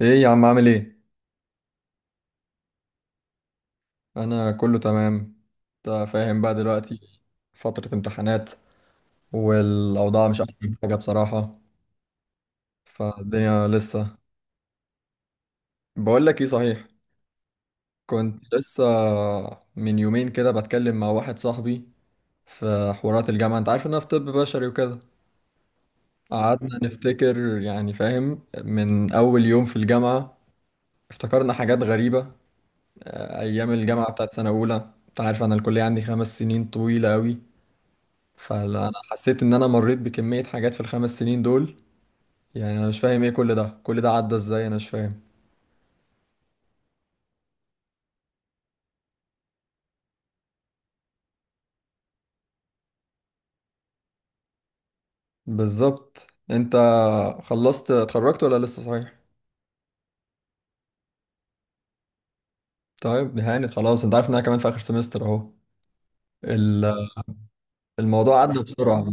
ايه يا عم عامل ايه؟ انا كله تمام. انت فاهم بقى دلوقتي، فترة امتحانات والاوضاع مش احسن حاجة بصراحة، فالدنيا لسه. بقول لك ايه صحيح، كنت لسه من يومين كده بتكلم مع واحد صاحبي في حوارات الجامعة. انت عارف ان انا في طب بشري وكده. قعدنا نفتكر، يعني فاهم، من اول يوم في الجامعة. افتكرنا حاجات غريبة. ايام الجامعة بتاعت سنة اولى، انت عارف انا الكلية عندي 5 سنين طويلة قوي. فانا حسيت ان انا مريت بكمية حاجات في الـ5 سنين دول. يعني انا مش فاهم ايه، كل ده عدى ازاي، انا مش فاهم. بالظبط، انت خلصت اتخرجت ولا لسه صحيح؟ طيب هانت خلاص، انت عارف ان انا كمان في اخر سمستر اهو. ال- الموضوع عدى بسرعة.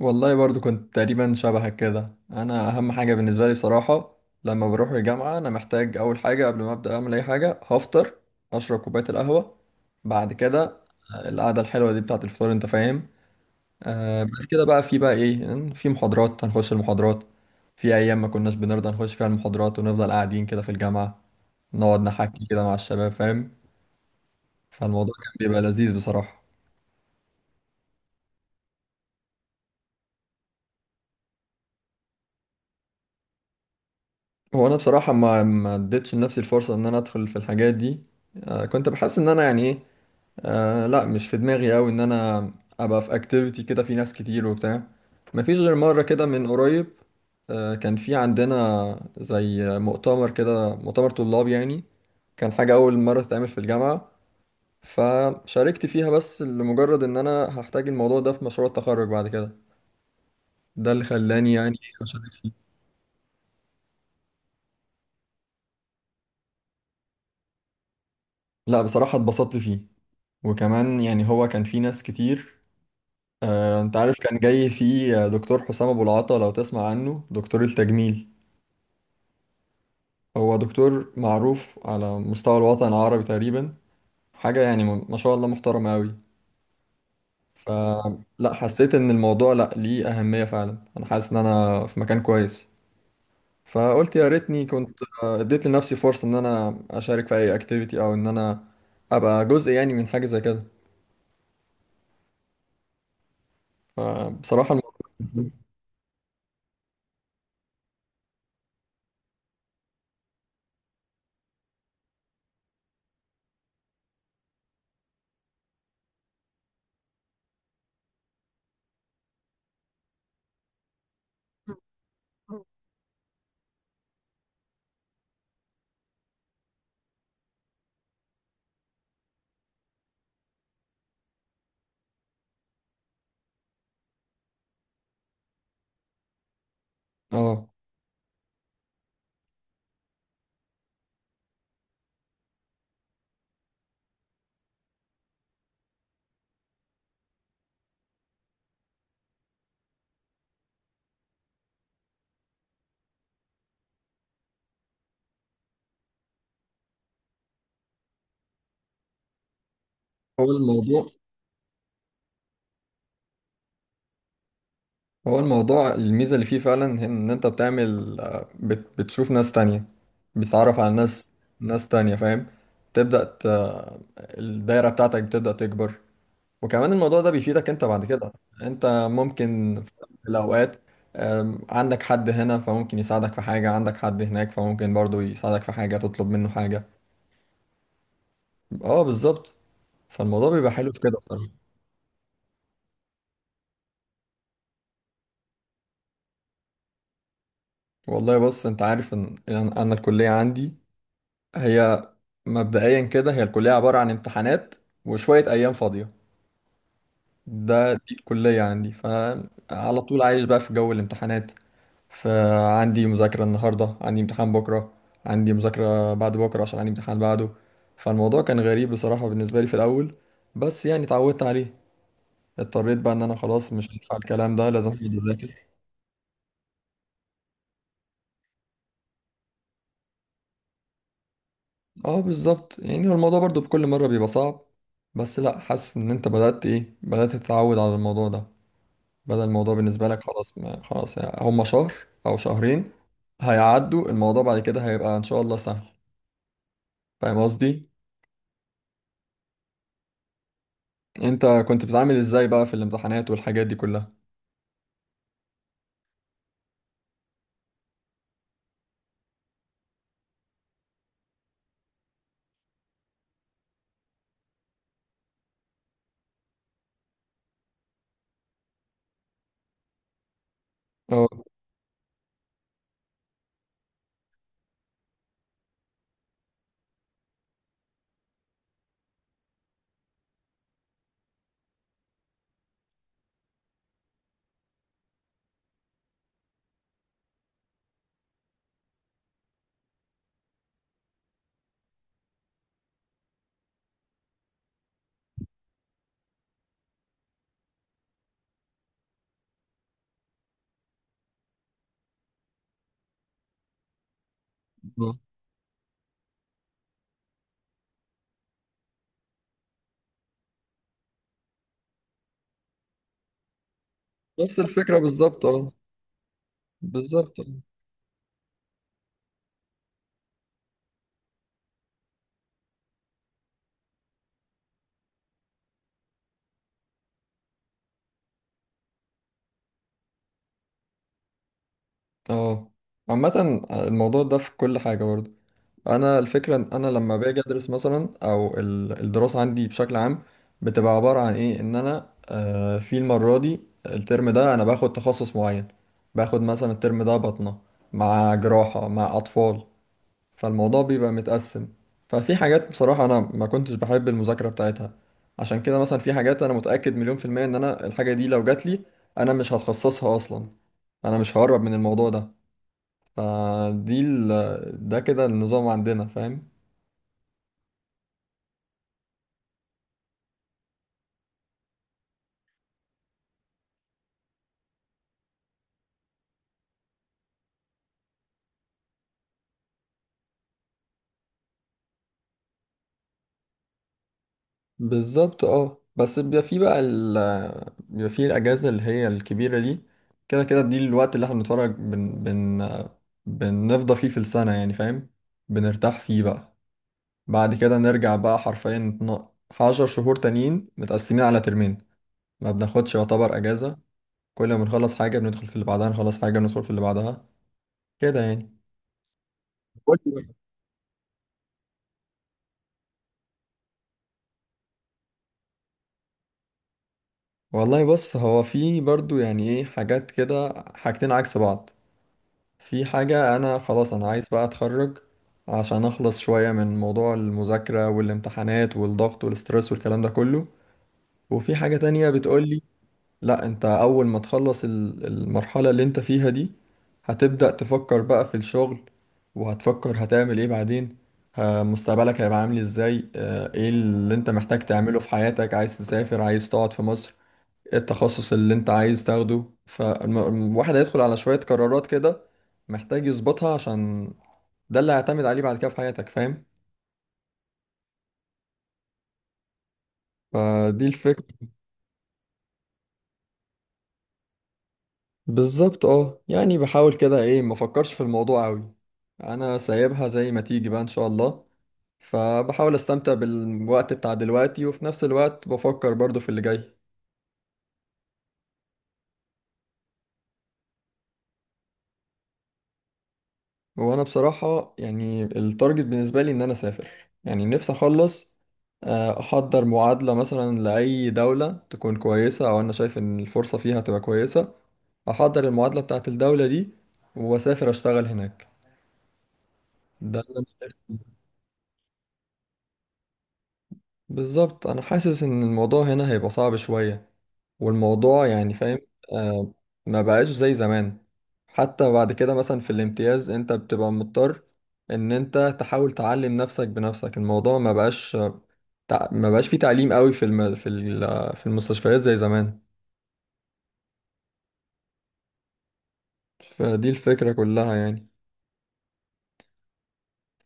والله برضو كنت تقريبا شبهك كده. انا اهم حاجة بالنسبة لي بصراحة لما بروح الجامعة، انا محتاج اول حاجة قبل ما ابدا اعمل اي حاجة هفطر، اشرب كوباية القهوة. بعد كده القعدة الحلوة دي بتاعت الفطار، انت فاهم. آه، بعد كده بقى في بقى ايه، في محاضرات هنخش المحاضرات. في ايام ما كناش بنرضى نخش فيها المحاضرات ونفضل قاعدين كده في الجامعة، نقعد نحكي كده مع الشباب فاهم. فالموضوع كان بيبقى لذيذ بصراحة. هو انا بصراحة ما اديتش لنفسي الفرصة ان انا ادخل في الحاجات دي. آه كنت بحس ان انا، يعني ايه، آه لا مش في دماغي قوي ان انا ابقى في اكتيفيتي كده في ناس كتير وبتاع. مفيش غير مرة كده من قريب، آه، كان في عندنا زي مؤتمر كده، مؤتمر طلاب يعني. كان حاجة اول مرة تتعمل في الجامعة، فشاركت فيها بس لمجرد ان انا هحتاج الموضوع ده في مشروع التخرج بعد كده. ده اللي خلاني يعني اشارك فيه. لا بصراحة اتبسطت فيه، وكمان يعني هو كان فيه ناس كتير. آه انت عارف كان جاي فيه دكتور حسام ابو العطا، لو تسمع عنه، دكتور التجميل. هو دكتور معروف على مستوى الوطن العربي تقريبا، حاجة يعني ما ما شاء الله محترمة أوي. فلا حسيت إن الموضوع لا ليه أهمية فعلا، أنا حاسس إن أنا في مكان كويس. فقلت يا ريتني كنت اديت لنفسي فرصة إن أنا أشارك في أي أكتيفيتي، أو إن أنا أبقى جزء يعني من حاجة زي كده. فبصراحة الموضوع، اه. هو الموضوع هو الموضوع الميزة اللي فيه فعلا هي ان انت بتعمل، بتشوف ناس تانية، بتتعرف على ناس، ناس تانية فاهم. تبدأ ت... الدايرة بتاعتك بتبدأ تكبر. وكمان الموضوع ده بيفيدك انت بعد كده. انت ممكن في الأوقات، عندك حد هنا فممكن يساعدك في حاجة، عندك حد هناك فممكن برضو يساعدك في حاجة تطلب منه حاجة. اه بالظبط. فالموضوع بيبقى حلو في كده بصراحة. والله بص، انت عارف ان انا الكلية عندي هي، مبدئيا كده هي الكلية عبارة عن امتحانات وشوية أيام فاضية. دي الكلية عندي، فعلى طول عايش بقى في جو الامتحانات. فعندي مذاكرة النهاردة، عندي امتحان بكرة، عندي مذاكرة بعد بكرة عشان عندي امتحان بعده. فالموضوع كان غريب بصراحة بالنسبة لي في الأول، بس يعني اتعودت عليه. اضطريت بقى ان انا خلاص مش هينفع الكلام ده، لازم اقعد اذاكر. اه بالظبط، يعني هو الموضوع برضو بكل مرة بيبقى صعب، بس لا حاسس ان انت بدأت ايه، بدأت تتعود على الموضوع ده. بدل الموضوع بالنسبة لك خلاص، ما خلاص يعني هما شهر أو شهرين هيعدوا، الموضوع بعد كده هيبقى إن شاء الله سهل. فاهم قصدي؟ أنت كنت بتتعامل إزاي بقى في الامتحانات والحاجات دي كلها؟ اه آه. نفس الفكرة بالظبط، اه بالظبط. اه عامة الموضوع ده في كل حاجة برضه. انا الفكره ان انا لما باجي ادرس مثلا، او الدراسه عندي بشكل عام بتبقى عباره عن ايه، ان انا في المره دي الترم ده انا باخد تخصص معين. باخد مثلا الترم ده بطنه مع جراحه مع اطفال، فالموضوع بيبقى متقسم. ففي حاجات بصراحه انا ما كنتش بحب المذاكره بتاعتها. عشان كده مثلا، في حاجات انا متاكد مليون في الميه ان انا الحاجه دي لو جات لي، انا مش هتخصصها اصلا، انا مش هقرب من الموضوع ده. فدي ده كده النظام عندنا فاهم. بالظبط اه، بس بيبقى في بقى بيبقى في الأجازة اللي هي الكبيرة دي. كده كده دي الوقت اللي احنا بنتفرج بن بن بنفضى فيه في السنة يعني فاهم، بنرتاح فيه بقى. بعد كده نرجع بقى حرفيا عشر شهور تانيين متقسمين على ترمين، ما بناخدش يعتبر أجازة. كل ما بنخلص حاجة بندخل في اللي بعدها، نخلص حاجة بندخل في اللي بعدها، كده يعني. قول لي بقى. والله بص، هو في برضو يعني ايه، حاجات كده حاجتين عكس بعض. في حاجة أنا خلاص أنا عايز بقى أتخرج عشان أخلص شوية من موضوع المذاكرة والامتحانات والضغط والسترس والكلام ده كله، وفي حاجة تانية بتقولي لأ، أنت أول ما تخلص المرحلة اللي أنت فيها دي هتبدأ تفكر بقى في الشغل، وهتفكر هتعمل إيه بعدين، مستقبلك هيبقى عامل إزاي، إيه اللي أنت محتاج تعمله في حياتك، عايز تسافر عايز تقعد في مصر، إيه التخصص اللي انت عايز تاخده. فالواحد هيدخل على شوية قرارات كده محتاج يظبطها، عشان ده اللي هيعتمد عليه بعد كده في حياتك فاهم. فدي الفكرة. بالظبط اه، يعني بحاول كده ايه ما افكرش في الموضوع قوي، انا سايبها زي ما تيجي بقى ان شاء الله. فبحاول استمتع بالوقت بتاع دلوقتي، وفي نفس الوقت بفكر برضو في اللي جاي. وانا بصراحة يعني التارجت بالنسبة لي ان انا اسافر، يعني نفسي اخلص، احضر معادلة مثلا لأي دولة تكون كويسة او انا شايف ان الفرصة فيها تبقى كويسة، احضر المعادلة بتاعت الدولة دي واسافر اشتغل هناك. ده اللي أنا شايفه. بالظبط، انا حاسس ان الموضوع هنا هيبقى صعب شوية، والموضوع يعني فاهم، آه، ما بقاش زي زمان. حتى بعد كده مثلا في الامتياز انت بتبقى مضطر ان انت تحاول تعلم نفسك بنفسك، الموضوع ما بقاش، ما بقاش فيه تعليم قوي في المستشفيات زي زمان. فدي الفكرة كلها يعني.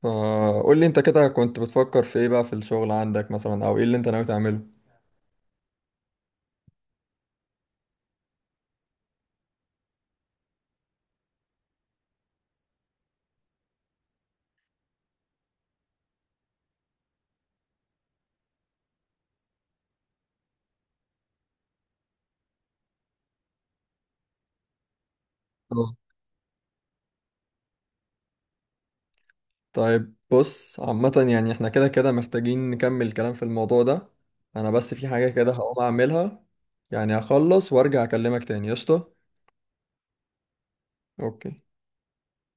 فقول لي انت كده كنت بتفكر في ايه بقى في الشغل عندك مثلا، او ايه اللي انت ناوي تعمله. طيب بص عامة يعني احنا كده كده محتاجين نكمل كلام في الموضوع ده، انا بس في حاجة كده هقوم اعملها، يعني هخلص وارجع اكلمك تاني. قشطة. اوكي.